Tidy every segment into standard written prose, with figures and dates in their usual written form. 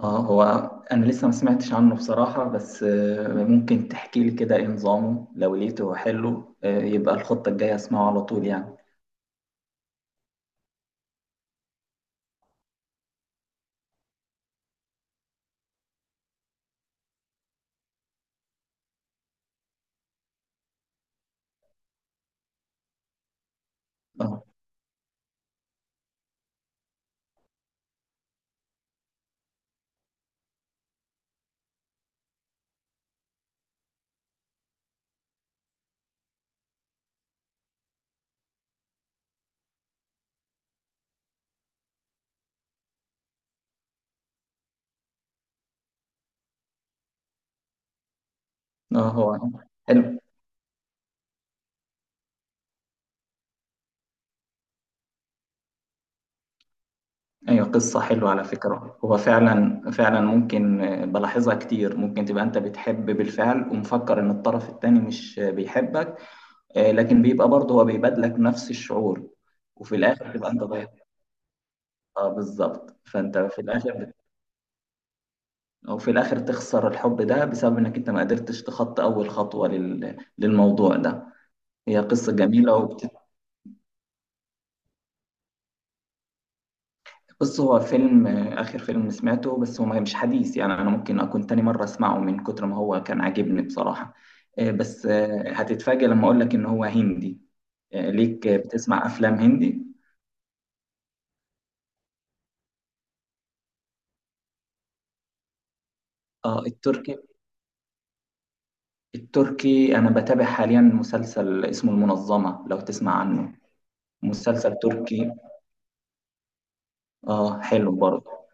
اه، هو. انا لسه ما سمعتش عنه بصراحة، بس ممكن تحكي لي كده ايه نظامه؟ لو لقيته حلو يبقى الخطة الجاية اسمعه على طول يعني. اه، اه، هو حلو. ايوه، قصة حلوة على فكرة. هو فعلا فعلا ممكن بلاحظها كتير. ممكن تبقى انت بتحب بالفعل ومفكر ان الطرف التاني مش بيحبك، لكن بيبقى برضه هو بيبادلك نفس الشعور، وفي الاخر تبقى انت ضايق. اه، بالظبط. فانت في الاخر، وفي الآخر تخسر الحب ده بسبب إنك أنت ما قدرتش تخطي أول خطوة للموضوع ده. هي قصة جميلة بص، هو آخر فيلم سمعته، بس هو مش حديث يعني. أنا ممكن أكون تاني مرة أسمعه من كتر ما هو كان عاجبني بصراحة. بس هتتفاجأ لما أقول لك إن هو هندي. ليك بتسمع أفلام هندي؟ التركي. التركي أنا بتابع حاليا مسلسل اسمه المنظمة، لو تسمع عنه. مسلسل تركي. حلو برضه.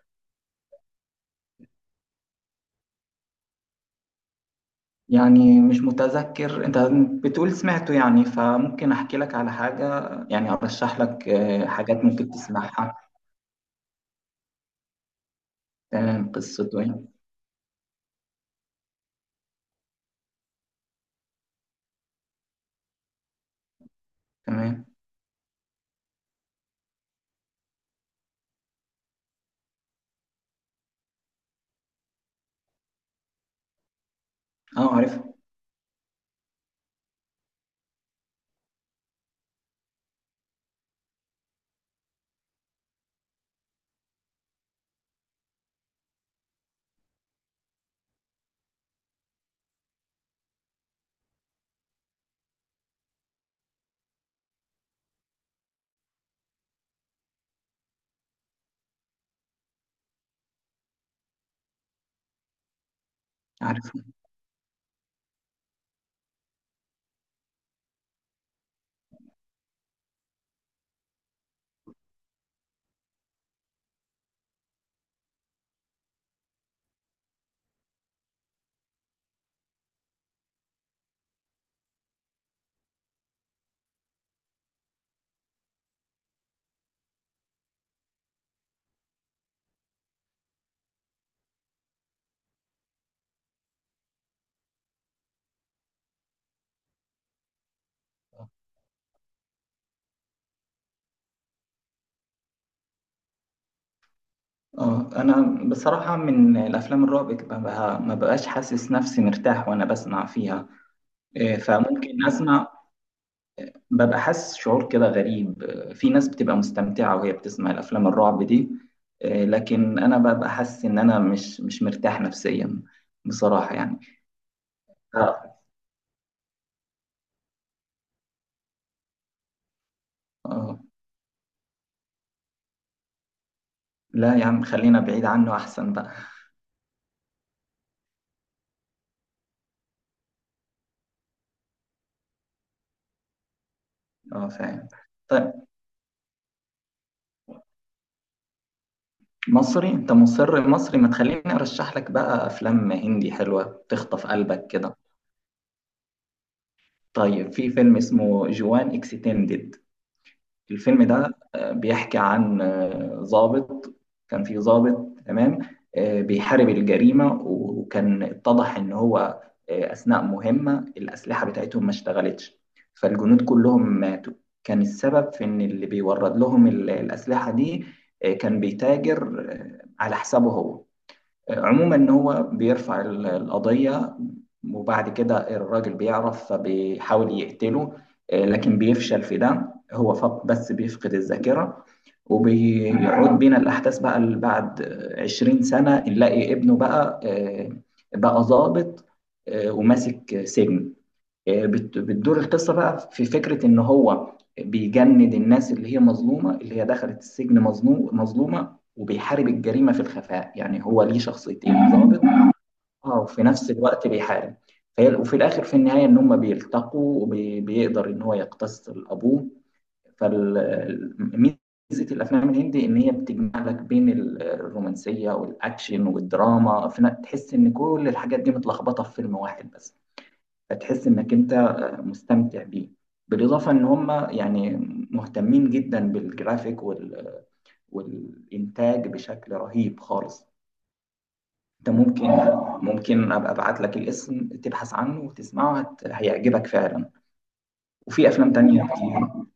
يعني مش متذكر. انت بتقول سمعته يعني، فممكن احكي لك على حاجة، يعني ارشح لك حاجات ممكن تسمعها. تمام، قصته يعني تمام. اه، عارف عارف. اه، انا بصراحة من الافلام الرعب ما بقاش حاسس نفسي مرتاح وانا بسمع فيها. فممكن اسمع، ببقى حاسس شعور كده غريب. في ناس بتبقى مستمتعة وهي بتسمع الافلام الرعب دي، لكن انا ببقى حاسس ان انا مش مرتاح نفسيا بصراحة يعني. اه. آه. لا يا عم، خلينا بعيد عنه احسن بقى. اه، فاهم. طيب. مصري؟ انت مصري، ما تخليني ارشح لك بقى افلام هندي حلوة تخطف قلبك كده. طيب، في فيلم اسمه جوان اكستندد. الفيلم ده بيحكي عن ضابط. كان في ضابط، تمام. بيحارب الجريمة، وكان اتضح إن هو أثناء مهمة الأسلحة بتاعتهم ما اشتغلتش، فالجنود كلهم ماتوا. كان السبب في إن اللي بيورد لهم الأسلحة دي كان بيتاجر على حسابه هو. عموما هو بيرفع القضية، وبعد كده الراجل بيعرف فبيحاول يقتله، لكن بيفشل في ده. هو بس بيفقد الذاكرة. وبيعود بينا الأحداث بقى اللي بعد 20 سنة، نلاقي ابنه بقى بقى ضابط وماسك سجن. بتدور القصة بقى في فكرة إن هو بيجند الناس اللي هي مظلومة، اللي هي دخلت السجن مظلومة، وبيحارب الجريمة في الخفاء. يعني هو ليه شخصيتين، ضابط، اه، وفي نفس الوقت بيحارب. فهي وفي الآخر في النهاية إن هما بيلتقوا وبيقدر إن هو يقتص لأبوه. فميزة الأفلام الهندي إن هي بتجمع لك بين الرومانسية والأكشن والدراما في تحس إن كل الحاجات دي متلخبطة في فيلم واحد بس، فتحس انك انت مستمتع بيه. بالاضافه ان هم يعني مهتمين جدا بالجرافيك والانتاج بشكل رهيب خالص. انت ممكن ابقى ابعت لك الاسم تبحث عنه وتسمعه، هيعجبك فعلا. وفي افلام تانية كتير.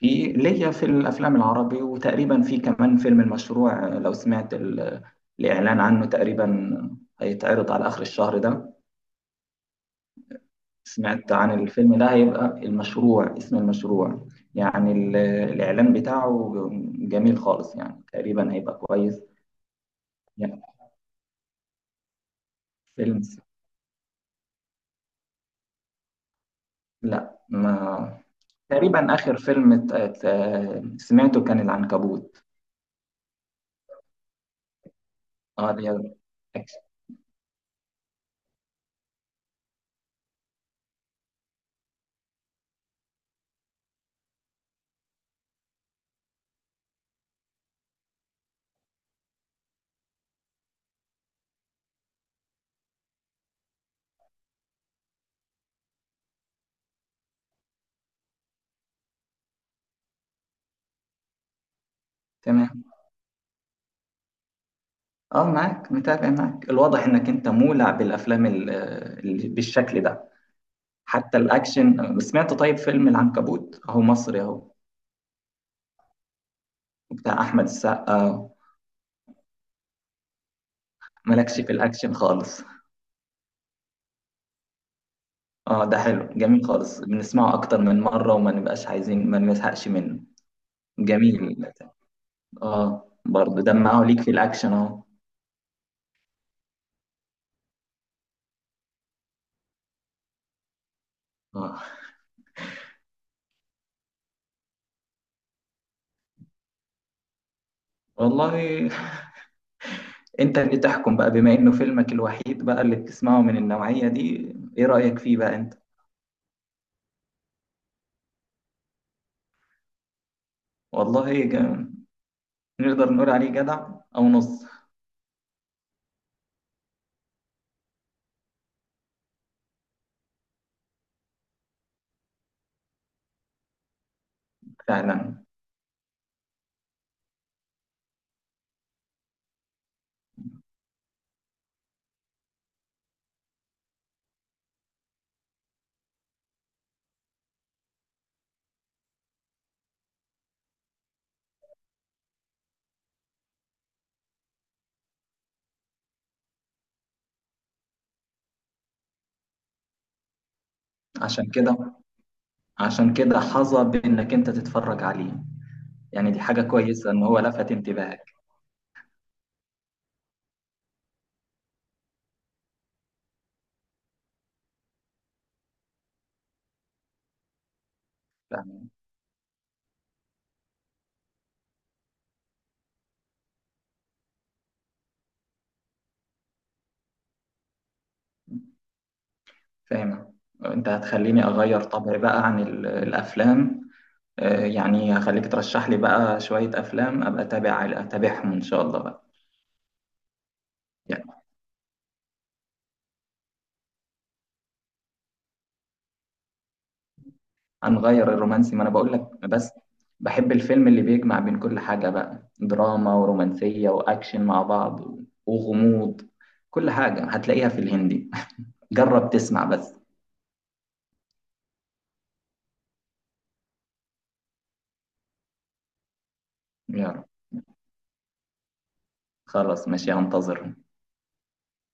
في ليا في الافلام العربي، وتقريبا في كمان فيلم المشروع، لو سمعت الاعلان عنه. تقريبا هيتعرض على اخر الشهر ده. سمعت عن الفيلم ده؟ هيبقى المشروع، اسم المشروع. يعني الإعلان بتاعه جميل خالص، يعني تقريبا هيبقى كويس. يعني فيلم لا. ما تقريبا آخر فيلم سمعته كان العنكبوت. اه، رياض، أكشن. تمام. اه، معاك، متابع معاك. الواضح انك انت مولع بالافلام بالشكل ده. حتى الاكشن سمعت. طيب، فيلم العنكبوت اهو، مصري اهو، بتاع احمد السقا. مالكش في الاكشن خالص. اه، ده حلو جميل خالص، بنسمعه اكتر من مرة وما نبقاش عايزين، ما نزهقش منه. جميل. اه، برضه دمعه ليك في الاكشن اهو. اه، والله انت اللي تحكم بقى، بما انه فيلمك الوحيد بقى اللي بتسمعه من النوعية دي، ايه رأيك فيه بقى انت؟ والله نقدر نقول عليه جدع، او نص. فعلا. عشان كده، عشان كده حظى بانك انت تتفرج عليه. يعني دي حاجة كويسة ان هو لفت انتباهك. فاهم. انت هتخليني اغير طبعي بقى عن الافلام. يعني هخليك ترشح لي بقى شوية افلام ابقى اتابعهم ان شاء الله بقى. يعني هنغير الرومانسي، ما انا بقول لك. بس بحب الفيلم اللي بيجمع بين كل حاجة بقى، دراما ورومانسية واكشن مع بعض، وغموض. كل حاجة هتلاقيها في الهندي. جرب تسمع بس. يا رب. خلاص ماشي، هنتظر.